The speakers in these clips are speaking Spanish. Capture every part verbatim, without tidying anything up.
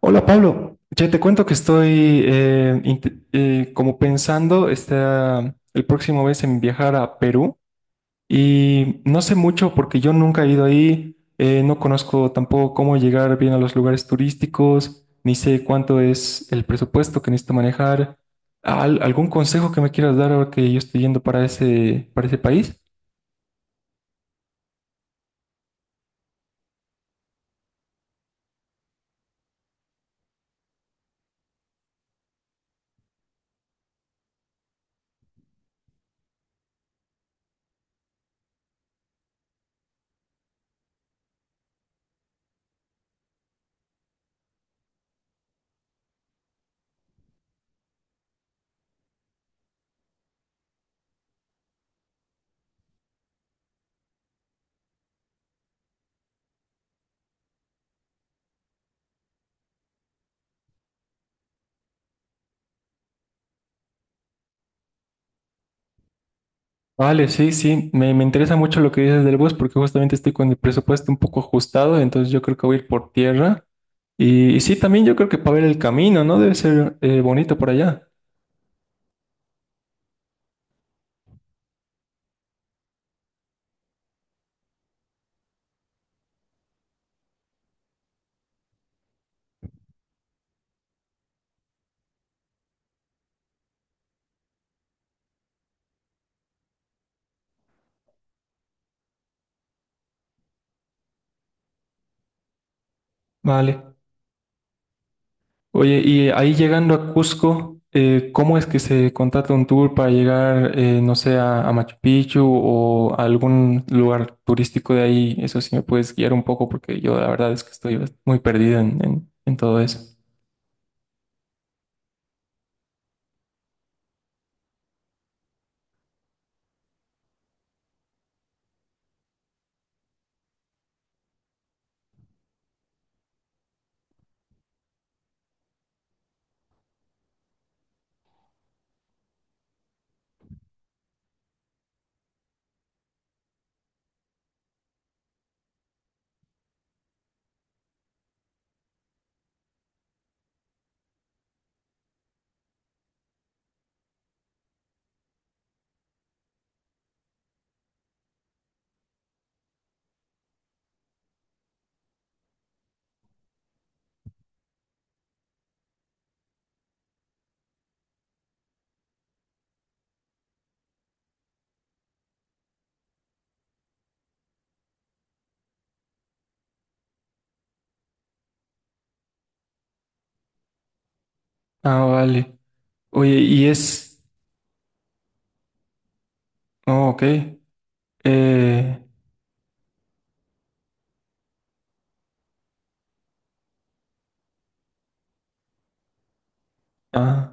Hola Pablo, ya te cuento que estoy eh, int- eh, como pensando esta, el próximo mes en viajar a Perú, y no sé mucho porque yo nunca he ido ahí, eh, no conozco tampoco cómo llegar bien a los lugares turísticos, ni sé cuánto es el presupuesto que necesito manejar. Al- ¿algún consejo que me quieras dar ahora que yo estoy yendo para ese, para ese país? Vale, sí, sí, me, me interesa mucho lo que dices del bus porque justamente estoy con el presupuesto un poco ajustado, entonces yo creo que voy a ir por tierra. Y, y sí, también yo creo que para ver el camino, ¿no? Debe ser eh, bonito por allá. Vale. Oye, y ahí llegando a Cusco, eh, ¿cómo es que se contrata un tour para llegar, eh, no sé, a, a Machu Picchu o a algún lugar turístico de ahí? Eso sí me puedes guiar un poco porque yo la verdad es que estoy bast- muy perdido en, en, en todo eso. Ah, vale. Oye, y es... Oh, ok. Eh, ah.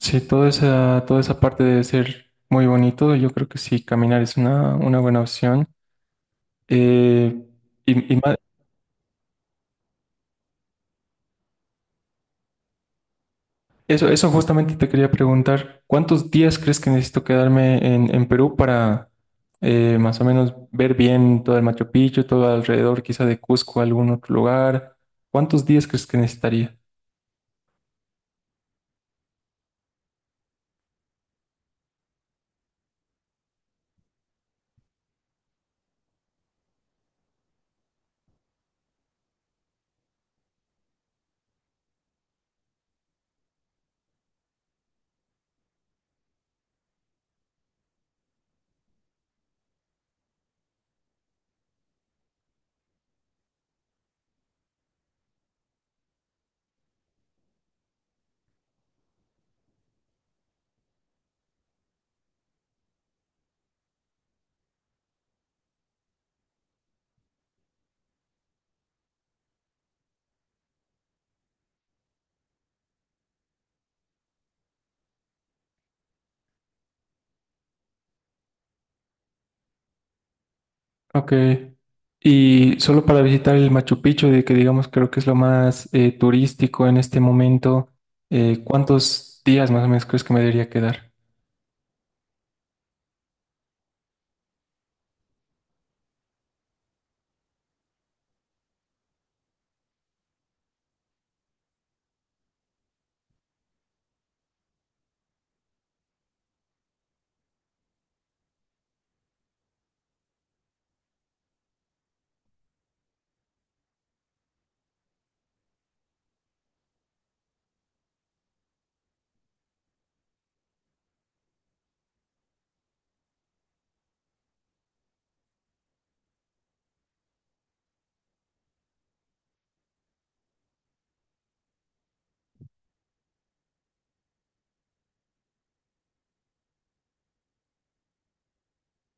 Sí, toda esa, toda esa parte debe ser muy bonito. Yo creo que sí, caminar es una, una buena opción. Eh, y, y ma- eso, eso justamente te quería preguntar, ¿cuántos días crees que necesito quedarme en, en Perú para eh, más o menos ver bien todo el Machu Picchu, todo alrededor, quizá de Cusco, algún otro lugar? ¿Cuántos días crees que necesitaría? Ok. Y solo para visitar el Machu Picchu, de que digamos creo que es lo más eh, turístico en este momento, eh, ¿cuántos días más o menos crees que me debería quedar?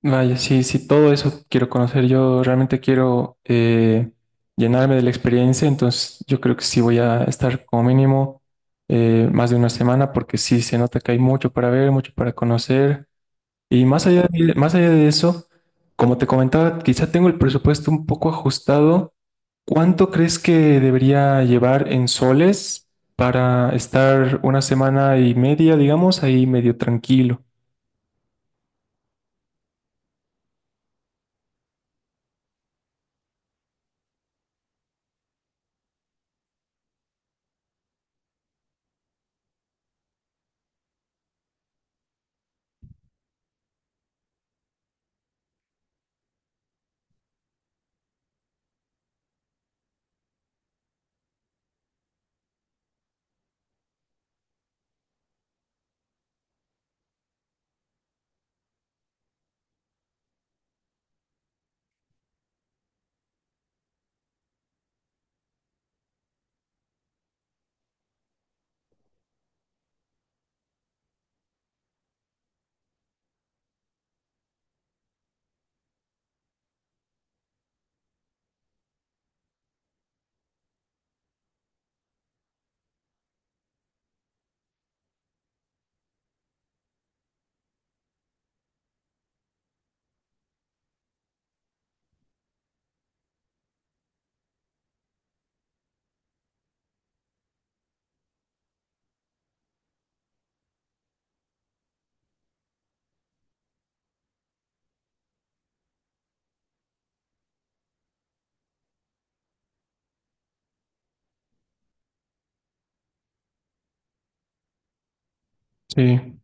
Vaya, sí, sí, todo eso quiero conocer. Yo realmente quiero eh, llenarme de la experiencia, entonces yo creo que sí voy a estar como mínimo eh, más de una semana porque sí se nota que hay mucho para ver, mucho para conocer. Y más allá de, más allá de eso, como te comentaba, quizá tengo el presupuesto un poco ajustado. ¿Cuánto crees que debería llevar en soles para estar una semana y media, digamos, ahí medio tranquilo? Sí,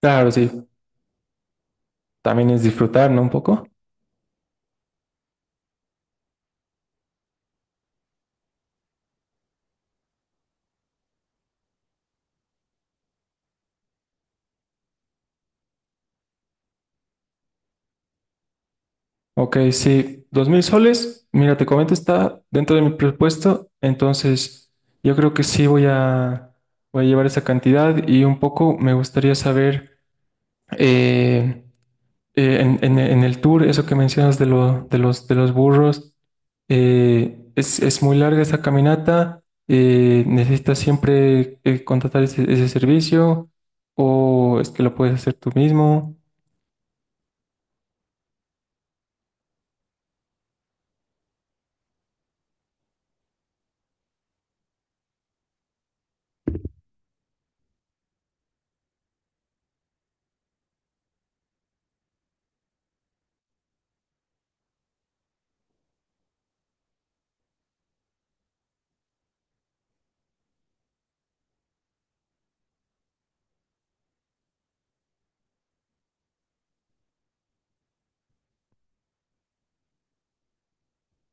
claro, sí. También es disfrutar, ¿no? Un poco. Ok, sí. Dos mil soles, mira, te comento, está dentro de mi presupuesto. Entonces, yo creo que sí voy a, voy a llevar esa cantidad y un poco me gustaría saber. eh, eh, en, en- en el tour, eso que mencionas de, lo- de los, de los burros, eh, es, es muy larga esa caminata, eh, necesitas siempre eh, contratar ese, ese servicio o es que lo puedes hacer tú mismo.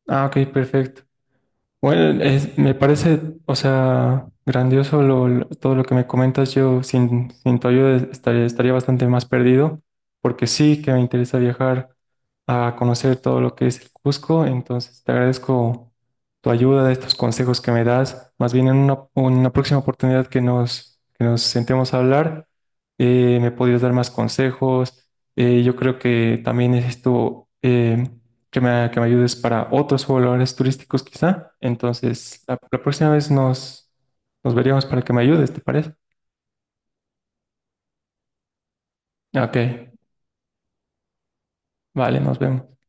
Ah, ok, perfecto. Bueno, es- me parece, o sea, grandioso lo- lo- todo lo que me comentas. Yo sin, sin tu ayuda estaría, estaría bastante más perdido, porque sí que me interesa viajar a conocer todo lo que es el Cusco. Entonces, te agradezco tu ayuda, estos consejos que me das. Más bien en una, una próxima oportunidad que nos, que nos sentemos a hablar, eh, me podrías dar más consejos. Eh, yo creo que también es esto. eh, que me, que me ayudes para otros valores turísticos quizá. Entonces, la, la próxima vez nos, nos veríamos para que me ayudes, ¿te parece? Ok, vale, nos vemos.